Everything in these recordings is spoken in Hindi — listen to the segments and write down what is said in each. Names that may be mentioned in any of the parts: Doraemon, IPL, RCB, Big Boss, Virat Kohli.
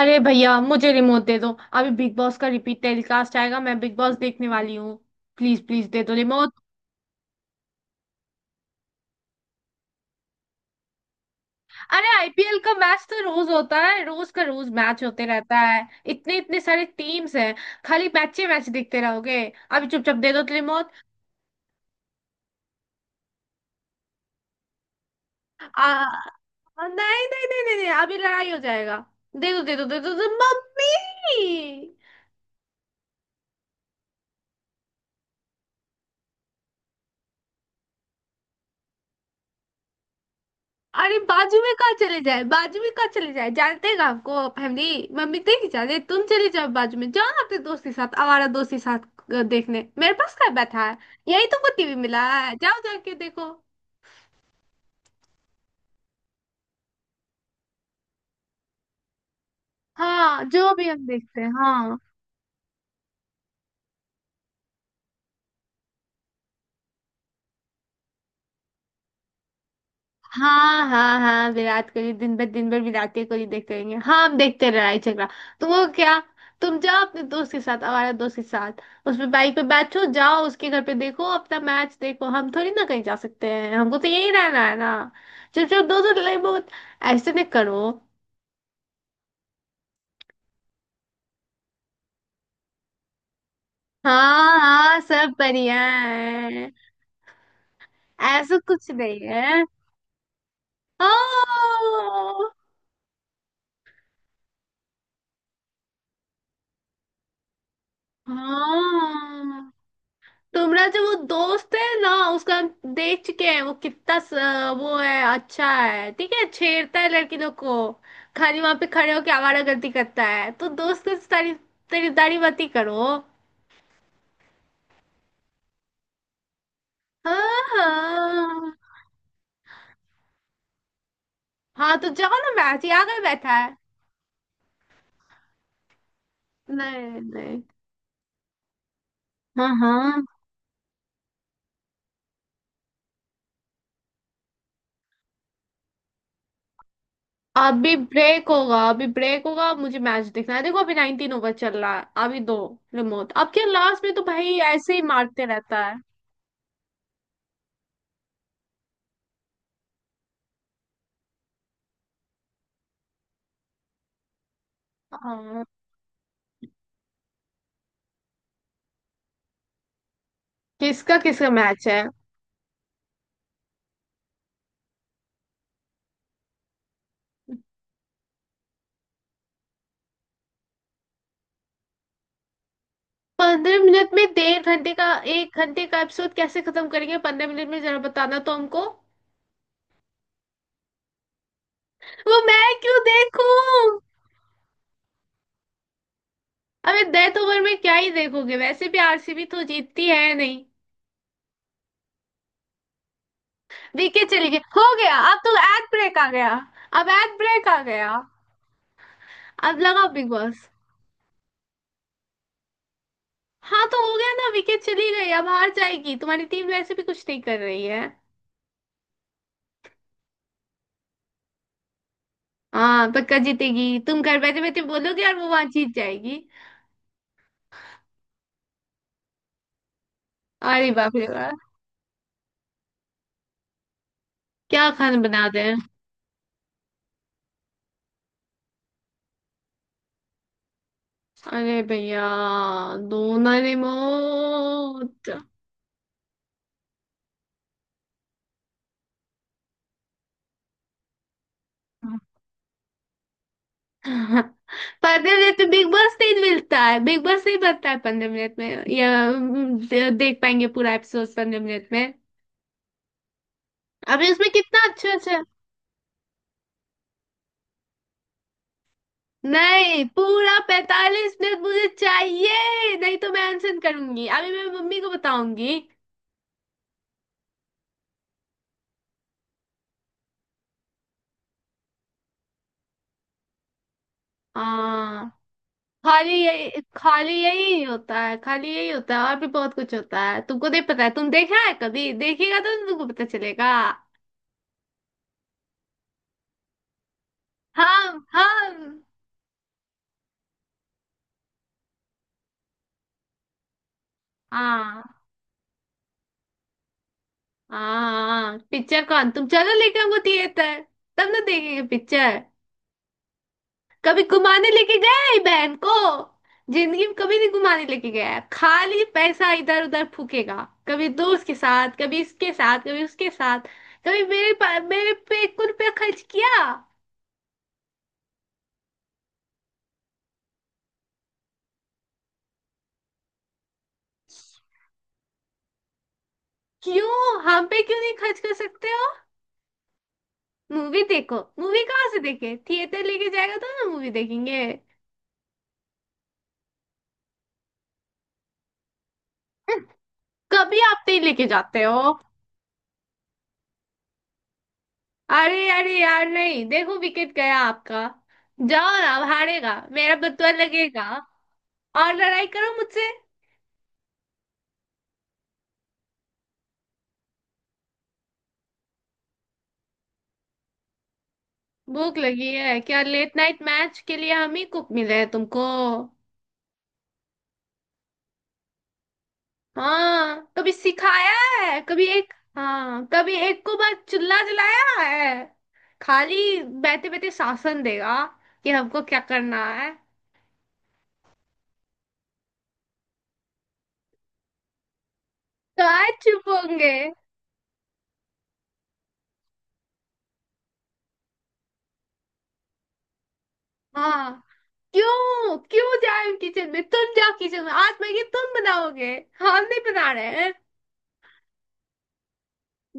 अरे भैया मुझे रिमोट दे दो। अभी बिग बॉस का रिपीट टेलीकास्ट आएगा, मैं बिग बॉस देखने वाली हूँ। प्लीज प्लीज दे दो रिमोट। अरे आईपीएल का मैच तो रोज होता है, रोज का रोज मैच होते रहता है। इतने इतने सारे टीम्स हैं। खाली मैचे मैच देखते रहोगे। अभी चुपचाप दे दो तो रिमोट। आ नहीं। नहीं नहीं, अभी लड़ाई हो जाएगा। दे दो दे दो दे दो, दे दो मम्मी। अरे बाजू में कहाँ चले जाए, बाजू में कहाँ चले जाए जानते हैं आपको? फैमिली मम्मी देख जाते। तुम चले जाओ बाजू में, जाओ ना अपने दोस्त के साथ, आवारा दोस्त के साथ। देखने मेरे पास क्या बैठा है? यही तो को टीवी मिला है, जाओ जाके देखो। हाँ, जो भी हम देखते हैं, हाँ। हाँ हाँ हाँ, विराट कोहली दिन भर, दिन भर विराट ही कोहली देखते रहेंगे। हाँ, हम देखते हैं लड़ाई झगड़ा, तो वो क्या। तुम जाओ अपने दोस्त के साथ, हमारे दोस्त के साथ। उस पे बाइक पे बैठो, जाओ उसके घर पे देखो अपना मैच देखो। हम थोड़ी ना कहीं जा सकते हैं, हमको तो यही रहना है ना। चलो चलो दोस्तों लड़ाई बहुत, ऐसे नहीं करो। हाँ हाँ सब बढ़िया है। ऐसा कुछ नहीं है। हाँ। हाँ, तुम्हारा जो वो दोस्त है ना, उसका हम देख चुके हैं वो कितना वो है। अच्छा है ठीक है, छेड़ता है लड़की लोग को, खाली वहां पे खड़े होके आवारागर्दी करता है। तो दोस्त की तारीफ, तारीफदारी मत ही करो। हाँ हाँ। हाँ, तो जाओ ना मैच, यहाँ कर बैठा है। नहीं नहीं। हाँ हाँ। अभी ब्रेक होगा, अभी ब्रेक होगा, मुझे मैच देखना है। देखो अभी 19 ओवर चल रहा है, अभी दो रिमोट। अब क्या लास्ट में तो भाई ऐसे ही मारते रहता है। हाँ। किसका किसका मैच है? 15 मिनट में डेढ़ घंटे का, 1 घंटे का एपिसोड कैसे खत्म करेंगे 15 मिनट में, जरा बताना तो हमको। वो मैं क्यों देखूं? अबे डेथ ओवर में क्या ही देखोगे, वैसे भी आरसीबी तो जीतती है नहीं। विकेट चली गई, हो गया, अब तो एड ब्रेक आ गया। अब एड ब्रेक आ गया। अब लगाओ बिग बॉस। हाँ तो हो गया ना, विकेट चली गई, अब हार जाएगी तुम्हारी टीम, वैसे भी कुछ नहीं कर रही है। हाँ पक्का जीतेगी, तुम घर बैठे बैठे बोलोगे और वो वहां जीत जाएगी। अरे बाप रे, क्या खाना बना दे। अरे भैया डोनारेमोन। पंद्रह मिनट में बिग बॉस नहीं मिलता है, बिग बॉस नहीं बनता है 15 मिनट में। या देख पाएंगे पूरा एपिसोड 15 मिनट में? अभी उसमें कितना अच्छा अच्छा। नहीं, पूरा 45 मिनट मुझे चाहिए, नहीं तो मैं अनशन करूंगी, अभी मैं मम्मी को बताऊंगी। हाँ, खाली यही होता है, खाली यही होता है? और भी बहुत कुछ होता है, तुमको नहीं पता है। तुम देखा है कभी? देखिएगा तो तुमको पता चलेगा। हम हम। हाँ हाँ, पिक्चर कौन तुम चलो लेके हमको थिएटर, तब ना देखेंगे पिक्चर। कभी घुमाने लेके गए बहन को? जिंदगी में कभी नहीं घुमाने लेके गया है। खाली पैसा इधर उधर फूकेगा, कभी दोस्त के साथ, कभी इसके साथ, कभी उसके साथ। कभी मेरे पे कुल पे खर्च किया? क्यों हम पे क्यों नहीं खर्च कर सकते हो? मूवी देखो, मूवी कहाँ से देखे, थिएटर लेके जाएगा तो ना मूवी देखेंगे। कभी आप नहीं लेके जाते हो। अरे अरे यार नहीं, देखो विकेट गया आपका। जाओ ना, अब हारेगा मेरा बतुआ लगेगा। और लड़ाई करो मुझसे। भूख लगी है क्या? लेट नाइट मैच के लिए हम ही कुक मिले हैं तुमको? हाँ कभी सिखाया है? कभी एक, हाँ कभी एक को बस चुल्ला जलाया है। खाली बैठे बैठे शासन देगा कि हमको क्या करना है। कहाँ चुप होंगे। हाँ। क्यों, क्यों जाए किचन में, तुम जाओ किचन में, आज मैगी तुम बनाओगे, हम नहीं बना रहे हैं।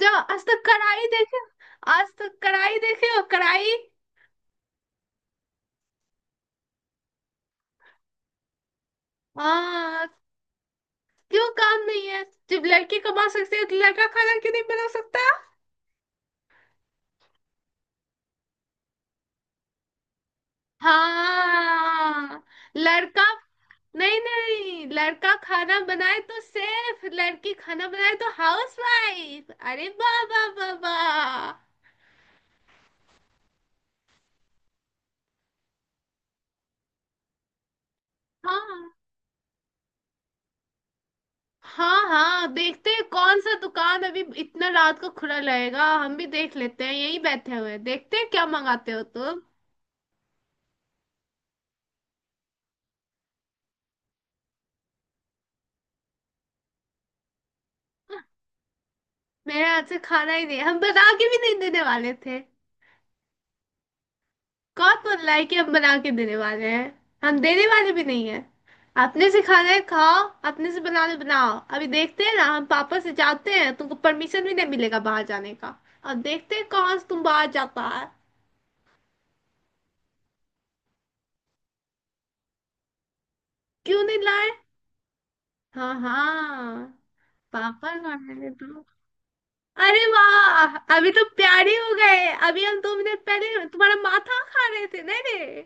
जाओ, आज तक कढ़ाई देखे, आज तक कढ़ाई देखे हो कढ़ाई? हाँ। क्यों काम नहीं है? जब लड़के कमा सकते हैं, तो लड़का खाना क्यों नहीं बना सकता? हाँ लड़का। नहीं नहीं, लड़का खाना बनाए तो सेफ, लड़की खाना बनाए तो हाउस वाइफ, अरे वाह वाह वाह वाह। हाँ हाँ हाँ, देखते हैं कौन सा दुकान अभी इतना रात को खुला रहेगा। हम भी देख लेते हैं, यही बैठे हुए हैं, देखते हैं क्या मंगाते हो तुम। मेरे हाथ से खाना ही नहीं, हम बना के भी नहीं देने वाले थे। कौन बोल रहा है कि हम बना के देने वाले हैं? हम देने वाले भी नहीं है। अपने से खाना है खाओ, अपने से बनाने बनाओ। अभी देखते हैं ना, हम पापा से जाते हैं, तुमको परमिशन भी नहीं मिलेगा बाहर जाने का। अब देखते हैं कौन से तुम बाहर जाता है। क्यों नहीं लाए? हाँ हाँ, पापा का मैंने तो। अरे वाह, अभी तो प्यारे हो गए, अभी हम 2 मिनट पहले तुम्हारा माथा खा रहे थे नहीं रे?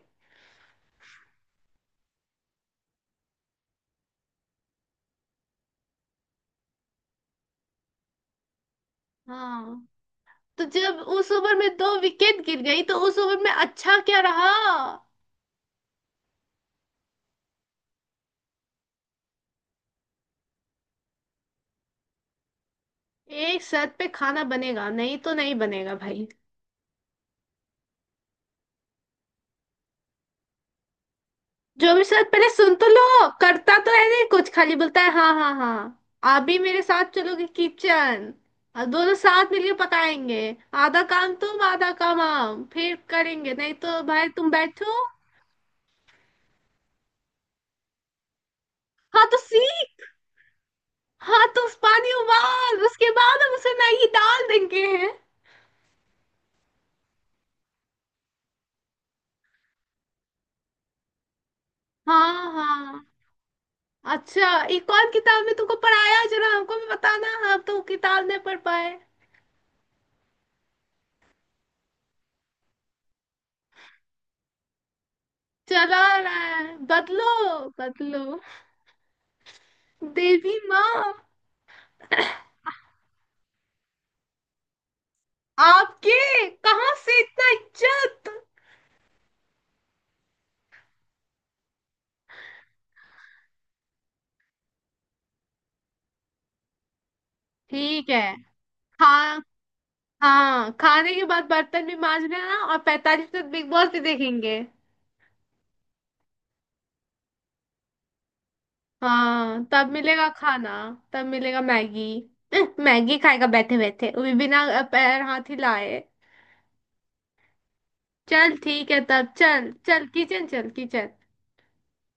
हाँ तो जब उस ओवर में 2 विकेट गिर गई, तो उस ओवर में अच्छा क्या रहा? एक शर्त पे खाना बनेगा, नहीं तो नहीं बनेगा भाई। जो भी शर्त पहले सुन तो लो, करता तो है नहीं कुछ, खाली बोलता है हाँ हाँ हाँ। आप भी मेरे साथ चलोगे किचन, और दोनों साथ मिलकर पकाएंगे। आधा काम तुम, आधा काम हम फिर करेंगे, नहीं तो भाई तुम बैठो। हाँ तो सीख। हाँ तो उस पानी उबाल, उसके बाद हम उसे मैगी डाल देंगे। हाँ हाँ। अच्छा, ये कौन किताब में तुमको पढ़ाया, जरा हमको भी बताना, हम तो किताब नहीं पढ़ पाए। चला रहा है, बदलो, बदलो, देवी माँ। आपके कहाँ से इतना इज्जत? ठीक है। हाँ हाँ, खाने के बाद बर्तन भी मांज लेना, और 45 तक बिग बॉस भी देखेंगे। हाँ तब मिलेगा खाना, तब मिलेगा मैगी। मैगी खाएगा बैठे बैठे, वो भी बिना पैर हाथ हिलाए। चल ठीक है, तब चल चल किचन चल किचन।